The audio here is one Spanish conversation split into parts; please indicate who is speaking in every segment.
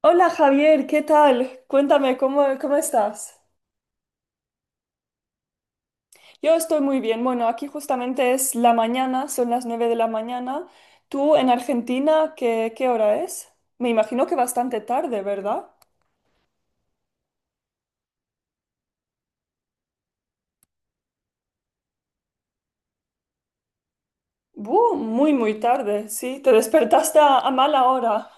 Speaker 1: Hola Javier, ¿qué tal? Cuéntame, ¿cómo estás? Yo estoy muy bien. Bueno, aquí justamente es la mañana, son las 9 de la mañana. ¿Tú en Argentina qué hora es? Me imagino que bastante tarde, ¿verdad? Buh, muy tarde, sí. Te despertaste a mala hora.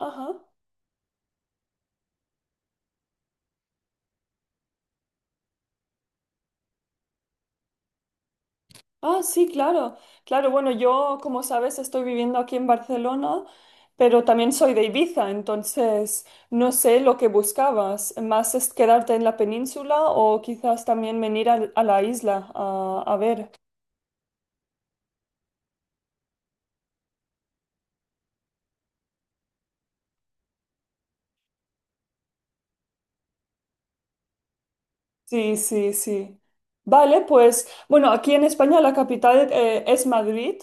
Speaker 1: Ajá. Ah, sí, claro. Claro, bueno, yo, como sabes, estoy viviendo aquí en Barcelona, pero también soy de Ibiza, entonces no sé lo que buscabas. ¿Más es quedarte en la península o quizás también venir a la isla a ver? Sí, sí, sí. Vale, pues bueno, aquí en España la capital es Madrid,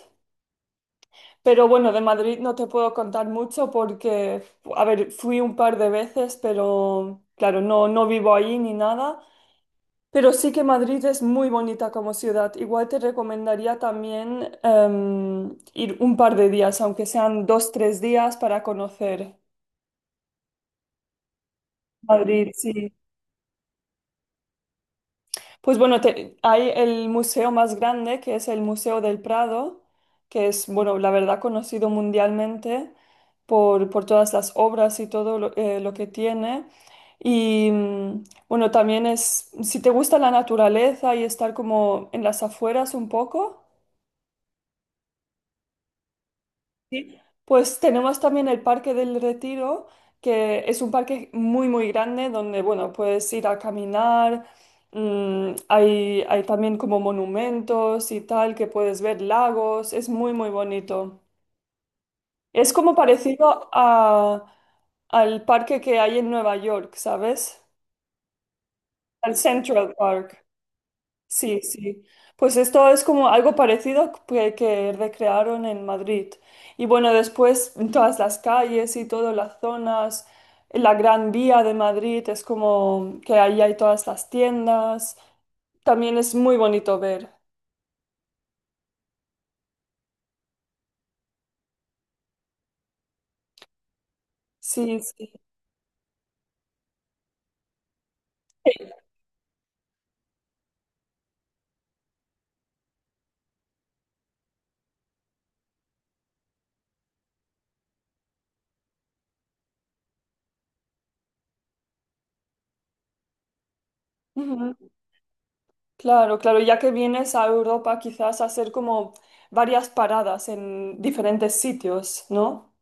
Speaker 1: pero bueno, de Madrid no te puedo contar mucho porque, a ver, fui un par de veces, pero claro, no vivo ahí ni nada. Pero sí que Madrid es muy bonita como ciudad. Igual te recomendaría también ir un par de días, aunque sean dos, tres días, para conocer Madrid, sí. Pues bueno, hay el museo más grande, que es el Museo del Prado, que es, bueno, la verdad conocido mundialmente por todas las obras y todo lo que tiene. Y bueno, también es, si te gusta la naturaleza y estar como en las afueras un poco. Sí. Pues tenemos también el Parque del Retiro, que es un parque muy grande donde, bueno, puedes ir a caminar. Hay también como monumentos y tal, que puedes ver lagos. Es muy bonito. Es como parecido a, al parque que hay en Nueva York, ¿sabes? Al Central Park. Sí, sí. Pues esto es como algo parecido que recrearon en Madrid. Y bueno, después todas las calles y todas las zonas, la Gran Vía de Madrid es como que ahí hay todas las tiendas. También es muy bonito ver. Sí, sí. Ujú. Claro, claro, ya que vienes a Europa quizás a hacer como varias paradas en diferentes sitios, ¿no?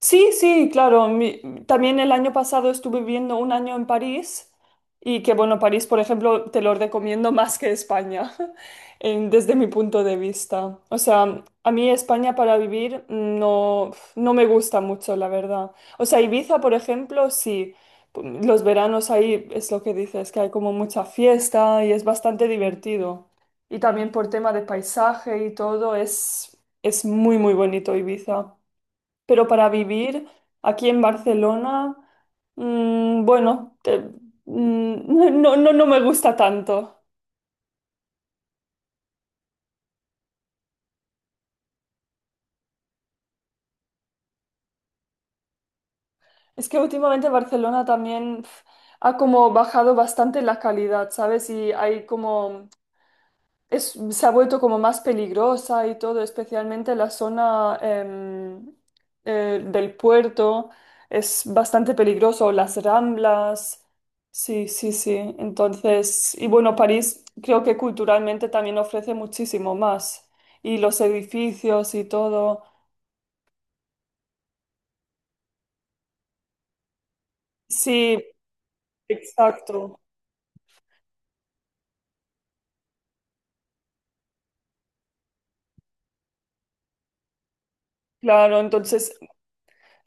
Speaker 1: Sí, sí, claro. También el año pasado estuve viviendo un año en París y que bueno, París, por ejemplo, te lo recomiendo más que España, desde mi punto de vista. O sea, a mí España para vivir no me gusta mucho, la verdad. O sea, Ibiza, por ejemplo, sí. Los veranos ahí es lo que dices, que hay como mucha fiesta y es bastante divertido. Y también por tema de paisaje y todo, es muy bonito Ibiza, pero para vivir aquí en Barcelona, bueno, mm, no me gusta tanto. Es que últimamente Barcelona también pf, ha como bajado bastante la calidad, ¿sabes? Y hay como se ha vuelto como más peligrosa y todo, especialmente la zona del puerto es bastante peligroso, las ramblas, sí, sí, sí. Entonces, y bueno, París creo que culturalmente también ofrece muchísimo más y los edificios y todo. Sí, exacto. Claro, entonces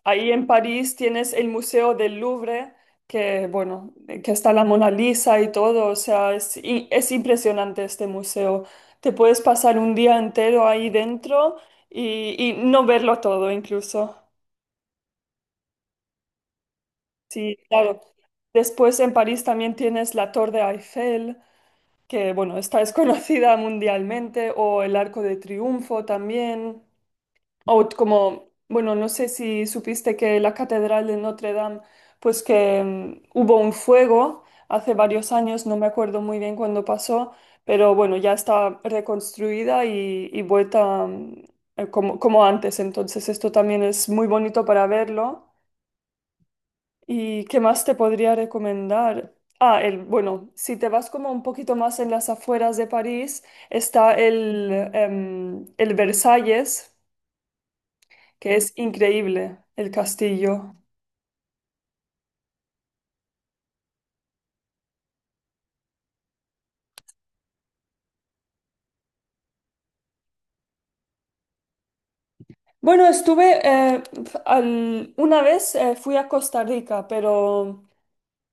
Speaker 1: ahí en París tienes el Museo del Louvre, que bueno, que está la Mona Lisa y todo, o sea, es impresionante este museo. Te puedes pasar un día entero ahí dentro y no verlo todo incluso. Sí, claro. Después en París también tienes la Torre Eiffel, que bueno, esta es conocida mundialmente, o el Arco de Triunfo también. O como, bueno, no sé si supiste que la Catedral de Notre Dame, pues que hubo un fuego hace varios años, no me acuerdo muy bien cuándo pasó, pero bueno, ya está reconstruida y vuelta como, como antes, entonces esto también es muy bonito para verlo. ¿Y qué más te podría recomendar? Ah, el, bueno, si te vas como un poquito más en las afueras de París, está el Versalles, que es increíble el castillo. Bueno, estuve una vez fui a Costa Rica, pero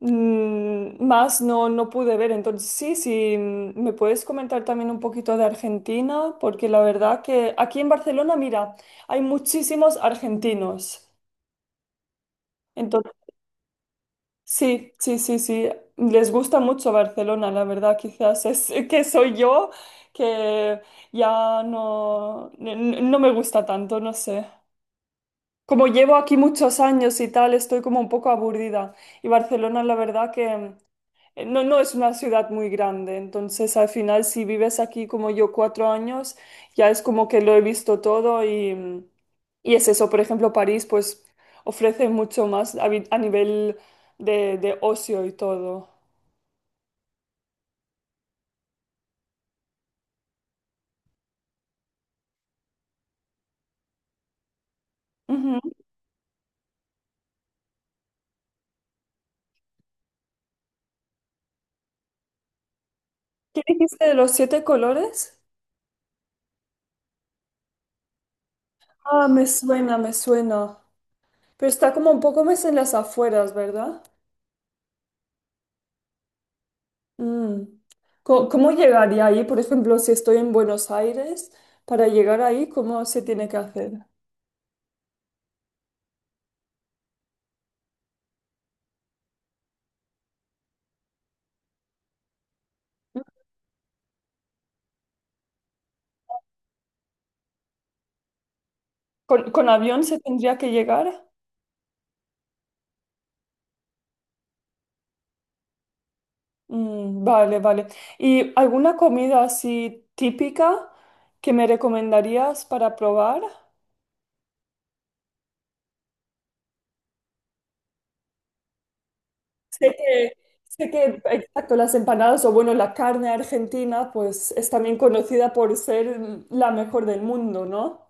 Speaker 1: más no pude ver. Entonces, sí, sí, me puedes comentar también un poquito de Argentina, porque la verdad que aquí en Barcelona, mira, hay muchísimos argentinos. Entonces sí, sí, sí, sí. Les gusta mucho Barcelona, la verdad. Quizás es que soy yo que ya no, no me gusta tanto, no sé. Como llevo aquí muchos años y tal, estoy como un poco aburrida. Y Barcelona, la verdad que no, no es una ciudad muy grande, entonces al final si vives aquí como yo 4 años, ya es como que lo he visto todo y es eso. Por ejemplo, París pues ofrece mucho más a nivel de ocio y todo. Ujú. ¿Qué dijiste de los siete colores? Ah, me suena, me suena. Pero está como un poco más en las afueras, ¿verdad? Mm. ¿Cómo llegaría ahí? Por ejemplo, si estoy en Buenos Aires, para llegar ahí, ¿cómo se tiene que hacer? ¿Con avión se tendría que llegar? Mm, vale, vale. ¿Y alguna comida así típica que me recomendarías para probar? Sé que, sé que, exacto, las empanadas o bueno, la carne argentina, pues es también conocida por ser la mejor del mundo, ¿no?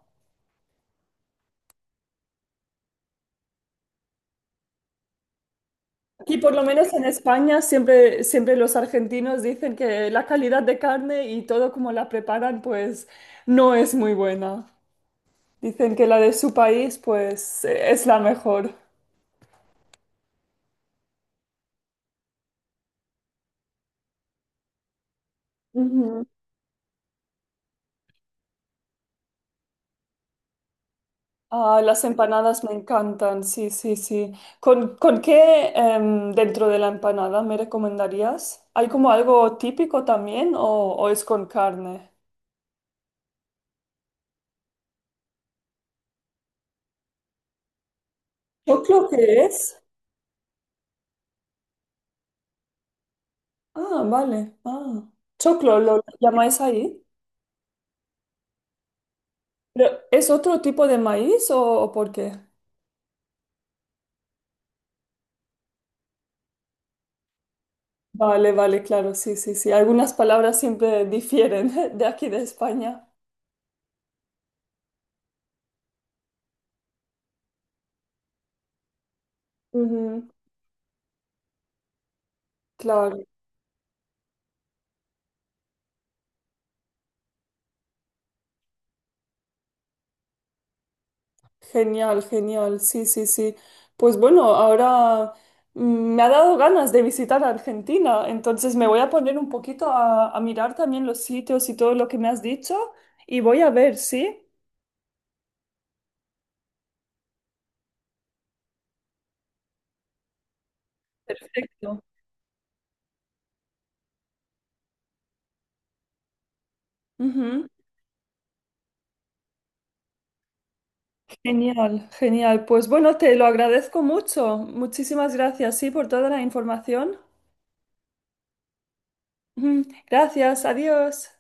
Speaker 1: Aquí, por lo menos en España, siempre los argentinos dicen que la calidad de carne y todo como la preparan, pues no es muy buena. Dicen que la de su país, pues, es la mejor. Ujú. Ah, las empanadas me encantan, sí, sí, sí. ¿Con qué dentro de la empanada me recomendarías? ¿Hay como algo típico también o es con carne? ¿Choclo qué es? Ah, vale. Ah. ¿Choclo lo llamáis ahí? ¿Pero es otro tipo de maíz o por qué? Vale, vale, claro, sí, sí, sí. Algunas palabras siempre difieren de aquí de España. Ujú, claro. Genial, genial, sí, sí, sí. Pues bueno, ahora me ha dado ganas de visitar Argentina, entonces me voy a poner un poquito a mirar también los sitios y todo lo que me has dicho y voy a ver, ¿sí? Perfecto. Ujú. Genial, genial. Pues bueno, te lo agradezco mucho. Muchísimas gracias, sí, por toda la información. Ujú. Gracias, adiós.